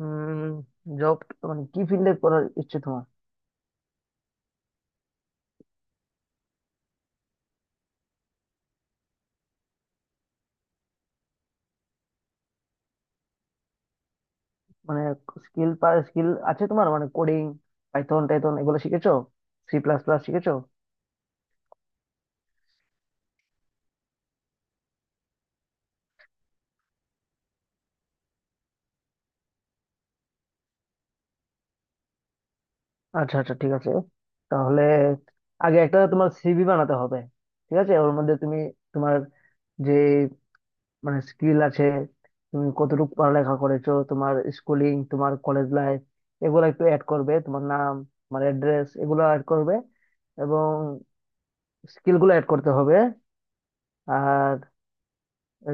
উম job, মানে কি ফিল্ডে করার ইচ্ছে তোমার? মানে স্কিল স্কিল আছে তোমার, মানে কোডিং, পাইথন টাইথন এগুলো শিখেছো? সি প্লাস প্লাস শিখেছো? আচ্ছা, আচ্ছা, ঠিক আছে। তাহলে আগে একটা তোমার সিভি বানাতে হবে। ঠিক আছে, ওর মধ্যে তুমি তোমার যে মানে স্কিল আছে, তুমি কতটুকু পড়ালেখা করেছো, তোমার স্কুলিং, তোমার কলেজ লাইফ, এগুলো একটু অ্যাড করবে। তোমার নাম, তোমার অ্যাড্রেস এগুলো অ্যাড করবে, এবং স্কিলগুলো অ্যাড করতে হবে। আর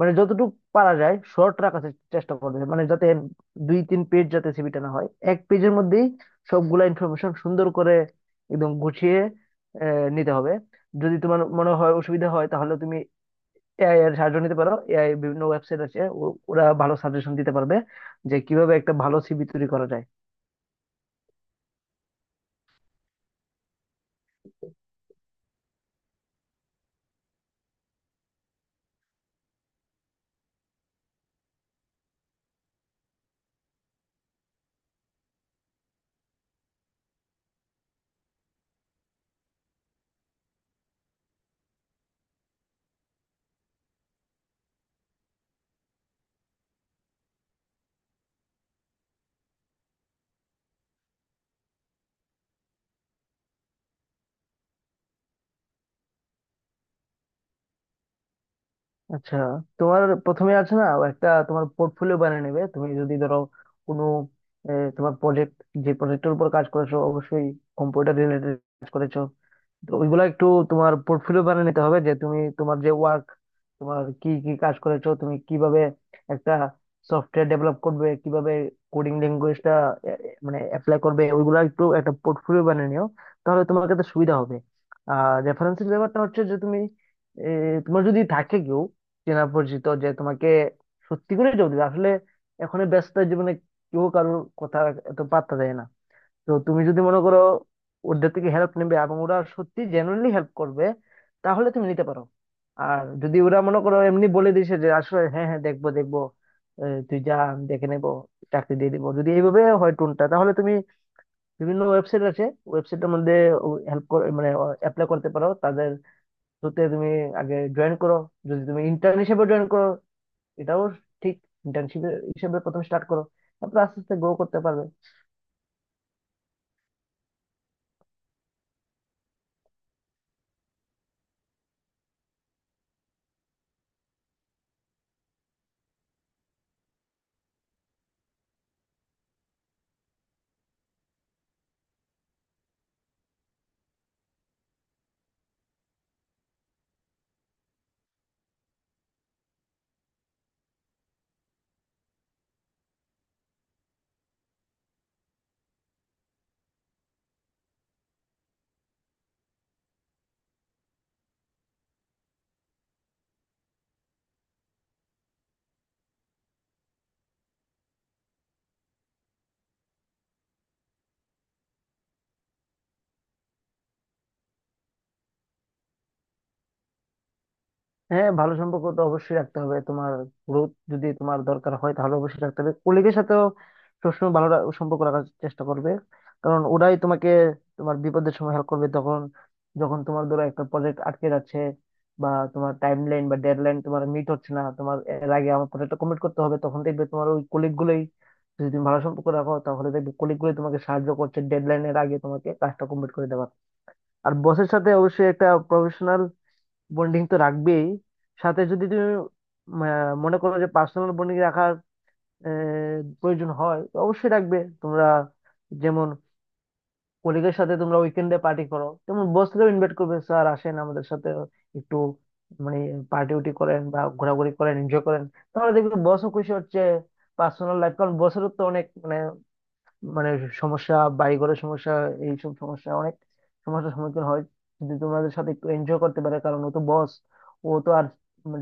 মানে যতটুকু পারা যায় শর্ট রাখার চেষ্টা করবে, মানে যাতে 2-3 পেজ যাতে সিভিটা না হয়, এক পেজের মধ্যেই সবগুলা ইনফরমেশন সুন্দর করে একদম গুছিয়ে নিতে হবে। যদি তোমার মনে হয় অসুবিধা হয় তাহলে তুমি এআই এর সাহায্য নিতে পারো। এআই বিভিন্ন ওয়েবসাইট আছে, ওরা ভালো সাজেশন দিতে পারবে যে কিভাবে একটা ভালো সিভি তৈরি করা যায়। আচ্ছা, তোমার প্রথমে আছে না, একটা তোমার পোর্টফোলিও বানিয়ে নেবে তুমি যদি ধরো কোনো তোমার প্রজেক্ট, যে প্রজেক্টের উপর কাজ করেছো, অবশ্যই কম্পিউটার রিলেটেড কাজ করেছো, তো ওইগুলা একটু তোমার পোর্টফোলিও বানিয়ে নিতে হবে। যে তুমি তোমার যে ওয়ার্ক, তোমার কি কি কাজ করেছো, তুমি কিভাবে একটা সফটওয়্যার ডেভেলপ করবে, কিভাবে কোডিং ল্যাঙ্গুয়েজটা মানে অ্যাপ্লাই করবে, ওইগুলা একটু একটা পোর্টফোলিও বানিয়ে নিও, তাহলে তোমার কাছে সুবিধা হবে। আর রেফারেন্সের ব্যাপারটা হচ্ছে যে তুমি, এ, তোমার যদি থাকে কেউ চেনা পরিচিত যে তোমাকে সত্যি করে জব দিবে। আসলে এখন ব্যস্ত জীবনে কেউ কারোর কথা এত পাত্তা দেয় না। তো তুমি যদি মনে করো ওদের থেকে হেল্প নেবে এবং ওরা সত্যি জেনুইনলি হেল্প করবে, তাহলে তুমি নিতে পারো। আর যদি ওরা, মনে করো, এমনি বলে দিছে যে আসলে হ্যাঁ, হ্যাঁ দেখবো দেখবো, তুই যা, আমি দেখে নেবো, চাকরি দিয়ে দিবো, যদি এইভাবে হয় টোনটা, তাহলে তুমি বিভিন্ন ওয়েবসাইট আছে, ওয়েবসাইটের মধ্যে হেল্প মানে অ্যাপ্লাই করতে পারো তাদের থ্রুতে। তুমি আগে জয়েন করো, যদি তুমি ইন্টার্ন হিসেবে জয়েন করো এটাও ঠিক। ইন্টার্নশিপ হিসেবে প্রথম স্টার্ট করো, তারপর আস্তে আস্তে গ্রো করতে পারবে। হ্যাঁ, ভালো সম্পর্ক তো অবশ্যই রাখতে হবে। তোমার গ্রোথ যদি তোমার দরকার হয় তাহলে অবশ্যই রাখতে হবে কলিগের সাথেও, সবসময় ভালো সম্পর্ক রাখার চেষ্টা করবে। কারণ ওরাই তোমাকে তোমার বিপদের সময় হেল্প করবে, তখন যখন তোমার ধরো একটা প্রজেক্ট আটকে যাচ্ছে, বা তোমার টাইম লাইন বা ডেডলাইন তোমার মিট হচ্ছে না, তোমার এর আগে আমার প্রজেক্টটা কমপ্লিট করতে হবে, তখন দেখবে তোমার ওই কলিগ গুলোই, যদি তুমি ভালো সম্পর্ক রাখো তাহলে দেখবে কলিগ গুলোই তোমাকে সাহায্য করছে ডেডলাইনের আগে তোমাকে কাজটা কমপ্লিট করে দেওয়ার। আর বসের সাথে অবশ্যই একটা প্রফেশনাল বন্ডিং তো রাখবেই। সাথে যদি তুমি মনে করো যে পার্সোনাল বন্ডিং রাখার প্রয়োজন হয়, তো অবশ্যই রাখবে তোমরা। যেমন কলিগের সাথে তোমরা উইকেন্ডে পার্টি করো, তেমন বসকেও ইনভাইট করবে, স্যার আসেন আমাদের সাথে একটু মানে পার্টি উটি করেন বা ঘোরাঘুরি করেন, এনজয় করেন। তাহলে দেখবে বসও খুশি হচ্ছে। পার্সোনাল লাইফ, কারণ বসেরও তো অনেক মানে সমস্যা, বাড়িঘরের সমস্যা, এইসব সমস্যা, অনেক সমস্যার সম্মুখীন হয়। যদি তোমাদের সাথে একটু এনজয় করতে পারে, কারণ ও তো বস, ও তো আর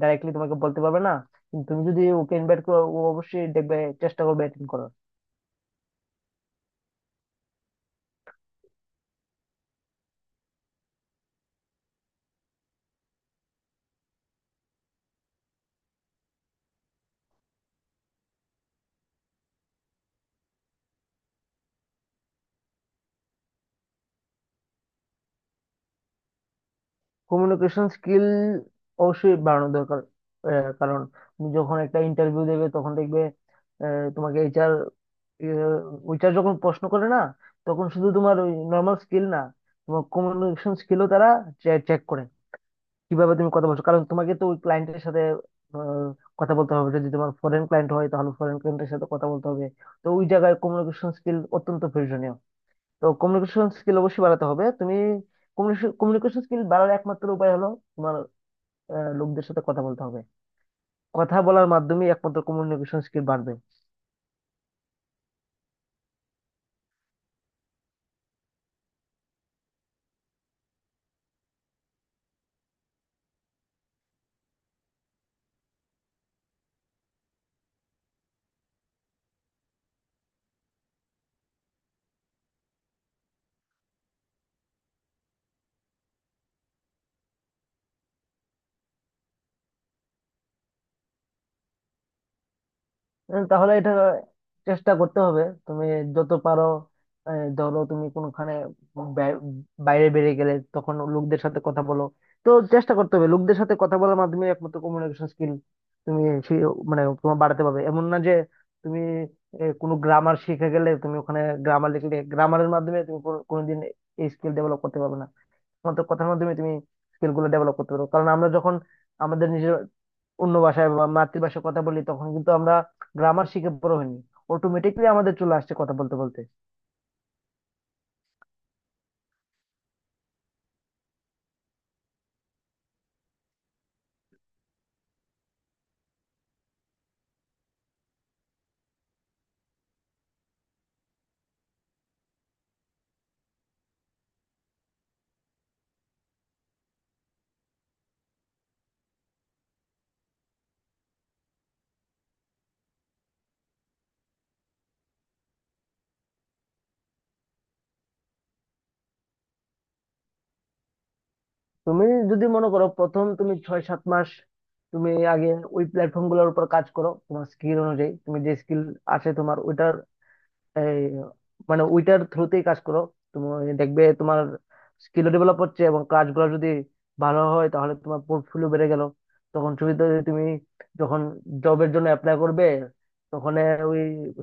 ডাইরেক্টলি তোমাকে বলতে পারবে না, কিন্তু তুমি যদি ওকে ইনভাইট করো ও অবশ্যই দেখবে, চেষ্টা করবে অ্যাটেন্ড করার। কমিউনিকেশন স্কিল অবশ্যই বাড়ানো দরকার। কারণ তুমি যখন একটা ইন্টারভিউ দেবে তখন দেখবে তোমাকে এইচআর, ওইচআর যখন প্রশ্ন করে না, তখন শুধু তোমার ওই নর্মাল স্কিল না, তোমার কমিউনিকেশন স্কিলও তারা চেক করে, কিভাবে তুমি কথা বলছো, কারণ তোমাকে তো ওই ক্লায়েন্টের সাথে আহ, কথা বলতে হবে। যদি তোমার ফরেন ক্লায়েন্ট হয় তাহলে ফরেন ক্লায়েন্টের সাথে কথা বলতে হবে। তো ওই জায়গায় কমিউনিকেশন স্কিল অত্যন্ত প্রয়োজনীয়। তো কমিউনিকেশন স্কিল অবশ্যই বাড়াতে হবে। তুমি কমিউনিকেশন স্কিল বাড়ার একমাত্র উপায় হলো তোমার লোকদের সাথে কথা বলতে হবে। কথা বলার মাধ্যমে একমাত্র কমিউনিকেশন স্কিল বাড়বে। তাহলে এটা চেষ্টা করতে হবে তুমি যত পারো। ধরো তুমি কোনখানে বাই- বাইরে বেরিয়ে গেলে তখন লোকদের সাথে কথা বলো। তো চেষ্টা করতে হবে, লোকদের সাথে কথা বলার মাধ্যমে একমাত্র কমিউনিকেশন স্কিল তুমি সেই মানে তোমার বাড়াতে পারবে, এমন না যে তুমি কোনো গ্রামার শিখে গেলে, তুমি ওখানে গ্রামার লিখলে গ্রামারের মাধ্যমে তুমি কোনোদিন এই স্কিল ডেভেলপ করতে পারবে না। মাত্র কথার মাধ্যমে তুমি স্কিল গুলো ডেভেলপ করতে পারো। কারণ আমরা যখন আমাদের নিজের অন্য ভাষায় বা মাতৃভাষায় কথা বলি তখন কিন্তু আমরা গ্রামার শিখে বড় হইনি, অটোমেটিকলি আমাদের চলে আসছে কথা বলতে বলতে। তুমি যদি মনে করো প্রথম তুমি 6-7 মাস তুমি আগে ওই প্ল্যাটফর্ম গুলোর উপর কাজ করো তোমার স্কিল অনুযায়ী, তুমি যে স্কিল আছে তোমার ওইটার, এই মানে ওইটার থ্রুতেই কাজ করো। তুমি দেখবে তোমার স্কিল ডেভেলপ হচ্ছে, এবং কাজগুলো যদি ভালো হয় তাহলে তোমার পোর্টফোলিও বেড়ে গেল। তখন সুবিধা হয়ে তুমি যখন জবের জন্য অ্যাপ্লাই করবে, তখন ওই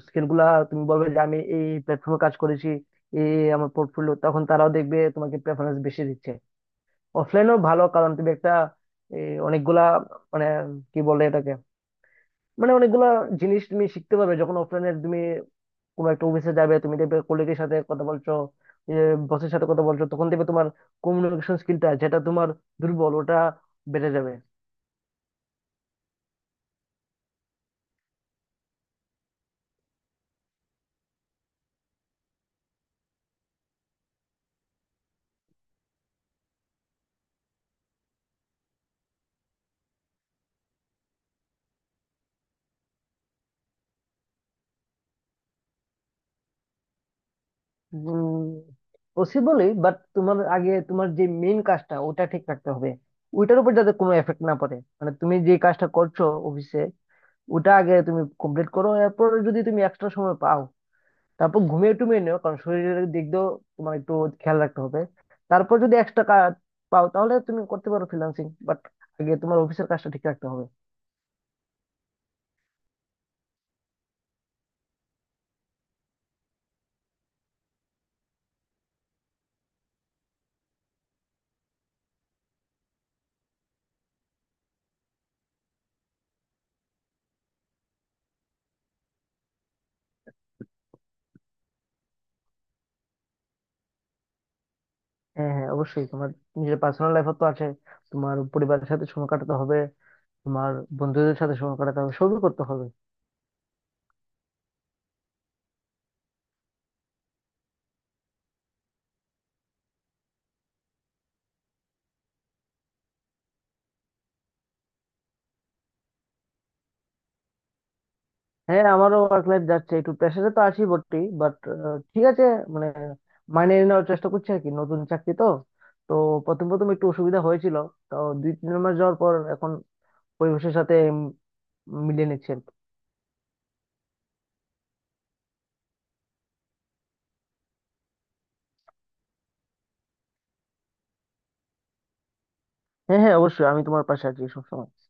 স্কিল গুলা তুমি বলবে যে আমি এই প্ল্যাটফর্মে কাজ করেছি, এই এই আমার পোর্টফোলিও, তখন তারাও দেখবে তোমাকে প্রেফারেন্স বেশি দিচ্ছে। অফলাইনও ভালো, কারণ তুমি একটা অনেকগুলা, মানে কি বলে এটাকে, মানে অনেকগুলা জিনিস তুমি শিখতে পারবে যখন অফলাইনে তুমি কোনো একটা অফিসে যাবে, তুমি দেখবে কলিগের সাথে কথা বলছো, বসের সাথে কথা বলছো, তখন দেখবে তোমার কমিউনিকেশন স্কিলটা যেটা তোমার দুর্বল, ওটা বেড়ে যাবে। পসিবলই, বাট তোমার আগে তোমার যে মেইন কাজটা ওটা ঠিক রাখতে হবে, ওইটার উপর যাতে কোনো এফেক্ট না পড়ে, মানে তুমি যে কাজটা করছো অফিসে, ওটা আগে তুমি কমপ্লিট করো, এরপর যদি তুমি এক্সট্রা সময় পাও, তারপর ঘুমিয়ে টুমিয়ে নিও, কারণ শরীরের দিক দিয়েও তোমার একটু খেয়াল রাখতে হবে। তারপর যদি এক্সট্রা কাজ পাও তাহলে তুমি করতে পারো ফ্রিল্যান্সিং, বাট আগে তোমার অফিসের কাজটা ঠিক রাখতে হবে। হ্যাঁ, হ্যাঁ, অবশ্যই তোমার নিজের পার্সোনাল লাইফও তো আছে, তোমার পরিবারের সাথে সময় কাটাতে হবে, তোমার বন্ধুদের সাথে সময় কাটাতে হবে, সবই করতে হবে। হ্যাঁ, আমারও ওয়ার্ক লাইফ যাচ্ছে, একটু প্রেশারে তো আছি বটে, বাট ঠিক আছে। মানে মানিয়ে নেওয়ার চেষ্টা করছি আর কি, নতুন চাকরি তো তো প্রথম প্রথম একটু অসুবিধা হয়েছিল। তো 2-3 মাস যাওয়ার পর এখন পরিবেশের সাথে মিলিয়ে নিচ্ছি আর কি। হ্যাঁ, হ্যাঁ, অবশ্যই আমি তোমার পাশে আছি সবসময়।